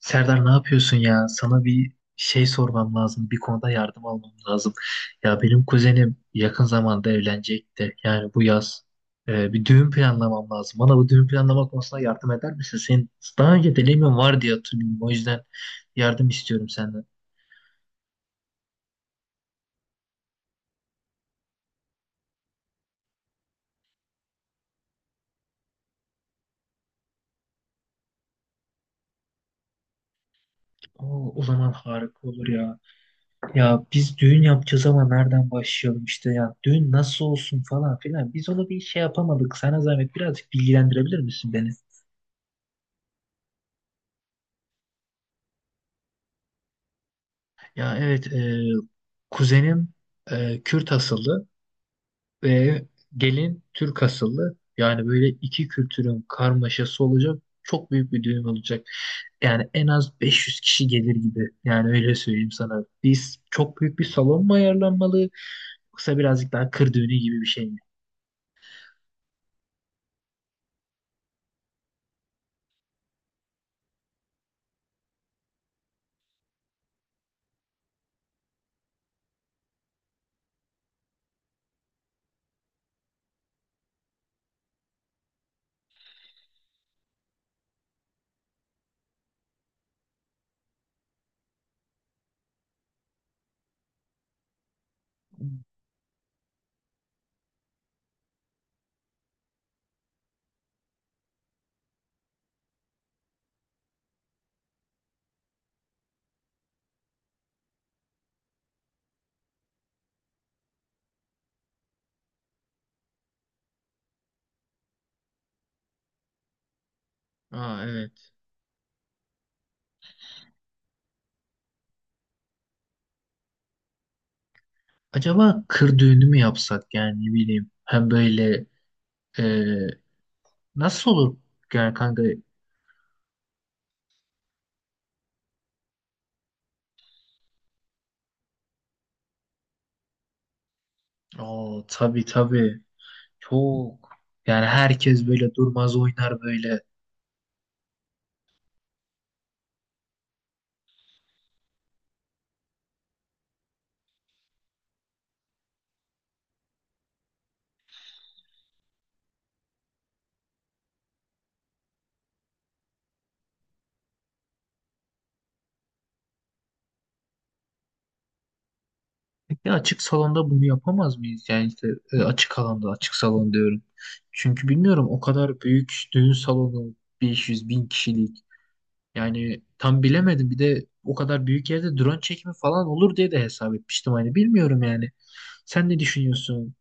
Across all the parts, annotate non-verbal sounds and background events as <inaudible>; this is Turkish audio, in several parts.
Serdar, ne yapıyorsun ya? Sana bir şey sormam lazım. Bir konuda yardım almam lazım. Ya benim kuzenim yakın zamanda evlenecek de, yani bu yaz bir düğün planlamam lazım. Bana bu düğün planlama konusunda yardım eder misin? Senin daha önce deneyimin var diye hatırlıyorum. O yüzden yardım istiyorum senden. O zaman harika olur ya. Ya biz düğün yapacağız ama nereden başlayalım işte ya. Düğün nasıl olsun falan filan. Biz onu bir şey yapamadık. Sana zahmet birazcık bilgilendirebilir misin beni? Ya evet, kuzenim Kürt asıllı ve gelin Türk asıllı. Yani böyle iki kültürün karmaşası olacak. Çok büyük bir düğün olacak. Yani en az 500 kişi gelir gibi. Yani öyle söyleyeyim sana. Biz çok büyük bir salon mu ayarlanmalı? Yoksa birazcık daha kır düğünü gibi bir şey mi? Aa, evet. Acaba kır düğünü mü yapsak, yani ne bileyim. Hem böyle e, nasıl olur? Yani kanka. Aa, tabii tabii. Çok. Yani herkes böyle durmaz, oynar böyle. Ya açık salonda bunu yapamaz mıyız? Yani işte açık alanda, açık salon diyorum. Çünkü bilmiyorum o kadar büyük düğün salonu 500 bin kişilik. Yani tam bilemedim. Bir de o kadar büyük yerde drone çekimi falan olur diye de hesap etmiştim. Hani bilmiyorum yani. Sen ne düşünüyorsun?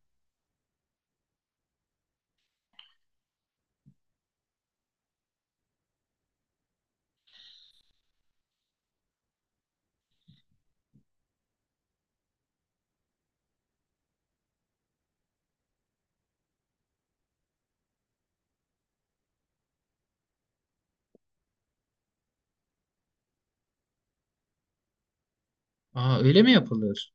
Aa, öyle mi yapılır?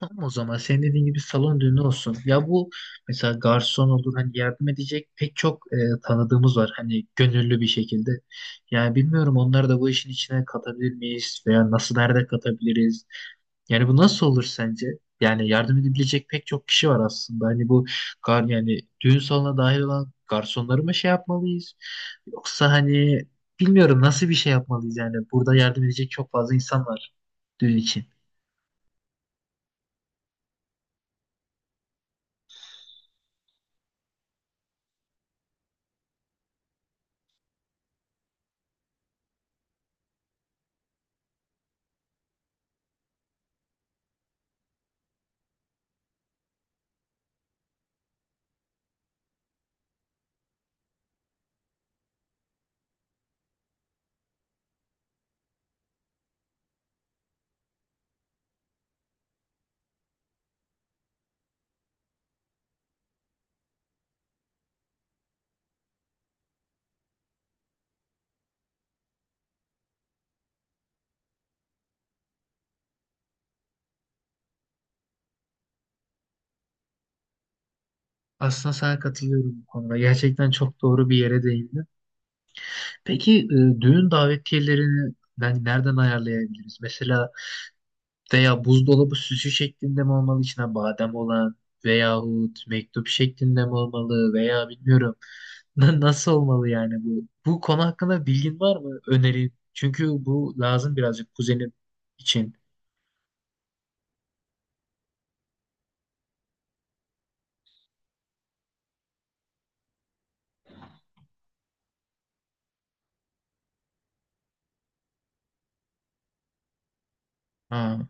Tamam, o zaman senin dediğin gibi salon düğünü olsun. Ya bu mesela garson olur, hani yardım edecek pek çok tanıdığımız var hani gönüllü bir şekilde. Yani bilmiyorum, onları da bu işin içine katabilir miyiz veya nasıl, nerede katabiliriz? Yani bu nasıl olur sence? Yani yardım edebilecek pek çok kişi var aslında. Hani bu gar, yani düğün salonuna dahil olan garsonları mı şey yapmalıyız? Yoksa hani bilmiyorum nasıl bir şey yapmalıyız, yani burada yardım edecek çok fazla insan var düğün için. Aslında sana katılıyorum bu konuda. Gerçekten çok doğru bir yere değindin. Peki düğün davetiyelerini yani nereden ayarlayabiliriz? Mesela veya buzdolabı süsü şeklinde mi olmalı içine badem olan, veyahut mektup şeklinde mi olmalı, veya bilmiyorum <laughs> Na- nasıl olmalı yani bu? Bu konu hakkında bilgin var mı? Öneri. Çünkü bu lazım birazcık kuzenim için. Ha,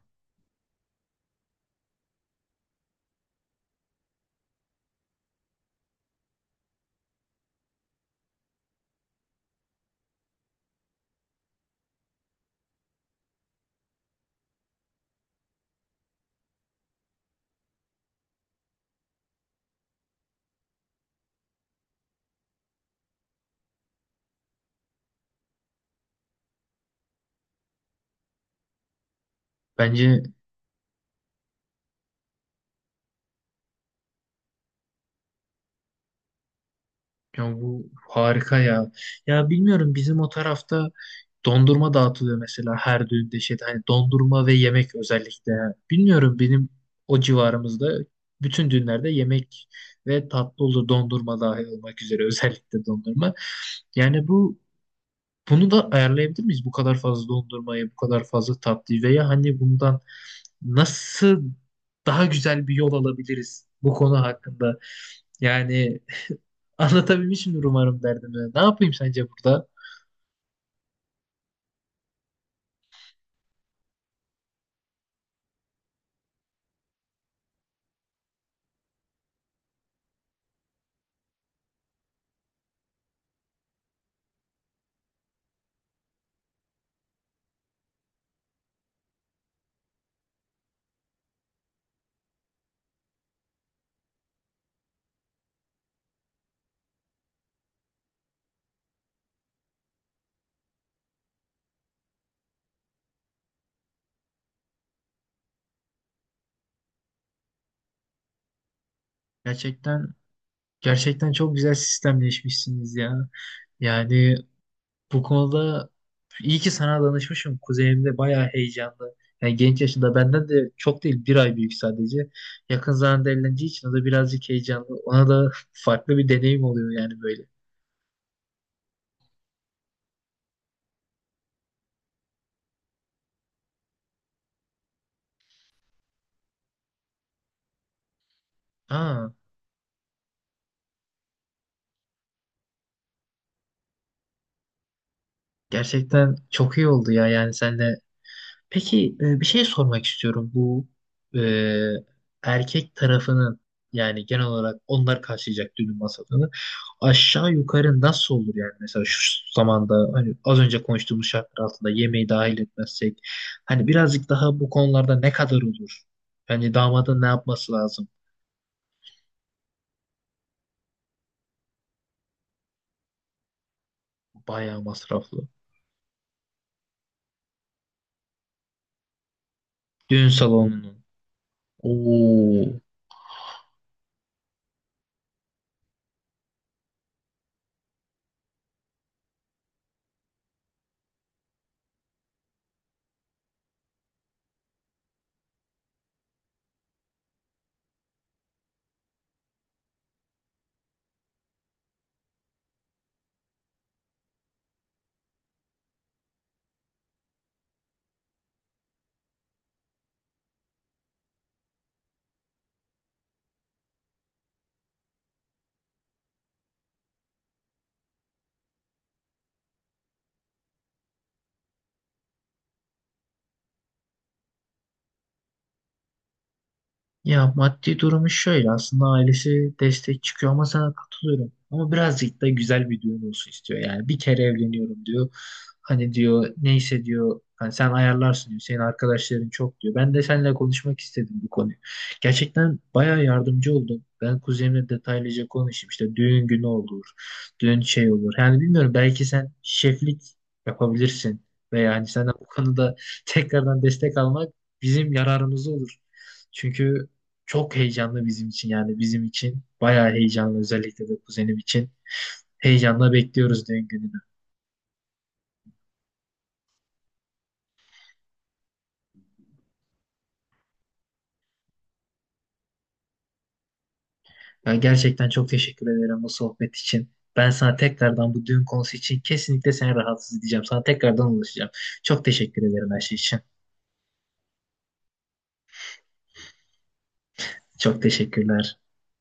bence. Ya bu harika ya. Ya bilmiyorum, bizim o tarafta dondurma dağıtılıyor mesela her düğünde şeyde, hani dondurma ve yemek özellikle. Bilmiyorum benim o civarımızda bütün düğünlerde yemek ve tatlı olur, dondurma dahil olmak üzere, özellikle dondurma. Yani bu bunu da ayarlayabilir miyiz? Bu kadar fazla dondurmayı, bu kadar fazla tatlıyı, veya hani bundan nasıl daha güzel bir yol alabiliriz bu konu hakkında? Yani anlatabilmişimdir umarım derdimi. Ne yapayım sence burada? Gerçekten, gerçekten çok güzel sistemleşmişsiniz ya. Yani bu konuda iyi ki sana danışmışım. Kuzenim de bayağı heyecanlı. Yani genç yaşında, benden de çok değil bir ay büyük sadece. Yakın zamanda evleneceği için o da birazcık heyecanlı. Ona da <laughs> farklı bir deneyim oluyor yani böyle. Aa, gerçekten çok iyi oldu ya yani sen. Peki bir şey sormak istiyorum. Bu e, erkek tarafının, yani genel olarak onlar karşılayacak düğün masrafını aşağı yukarı nasıl olur, yani mesela şu zamanda, hani az önce konuştuğumuz şartlar altında yemeği dahil etmezsek, hani birazcık daha bu konularda ne kadar olur? Yani damadın ne yapması lazım? Bayağı masraflı. Düğün salonunun. Oo. Ya maddi durumu şöyle, aslında ailesi destek çıkıyor ama sana katılıyorum. Ama birazcık da güzel bir düğün olsun istiyor. Yani bir kere evleniyorum diyor. Hani diyor neyse diyor, hani sen ayarlarsın diyor. Senin arkadaşların çok diyor. Ben de seninle konuşmak istedim bu konuyu. Gerçekten bayağı yardımcı oldum. Ben kuzenimle detaylıca konuşayım. İşte düğün günü olur. Düğün şey olur. Yani bilmiyorum, belki sen şeflik yapabilirsin. Ve yani senden bu konuda <laughs> tekrardan destek almak bizim yararımız olur. Çünkü çok heyecanlı bizim için, yani bizim için. Bayağı heyecanlı, özellikle de kuzenim için. Heyecanla bekliyoruz düğün gününü. Ya gerçekten çok teşekkür ederim bu sohbet için. Ben sana tekrardan bu düğün konusu için kesinlikle seni rahatsız edeceğim. Sana tekrardan ulaşacağım. Çok teşekkür ederim her şey için. Çok teşekkürler.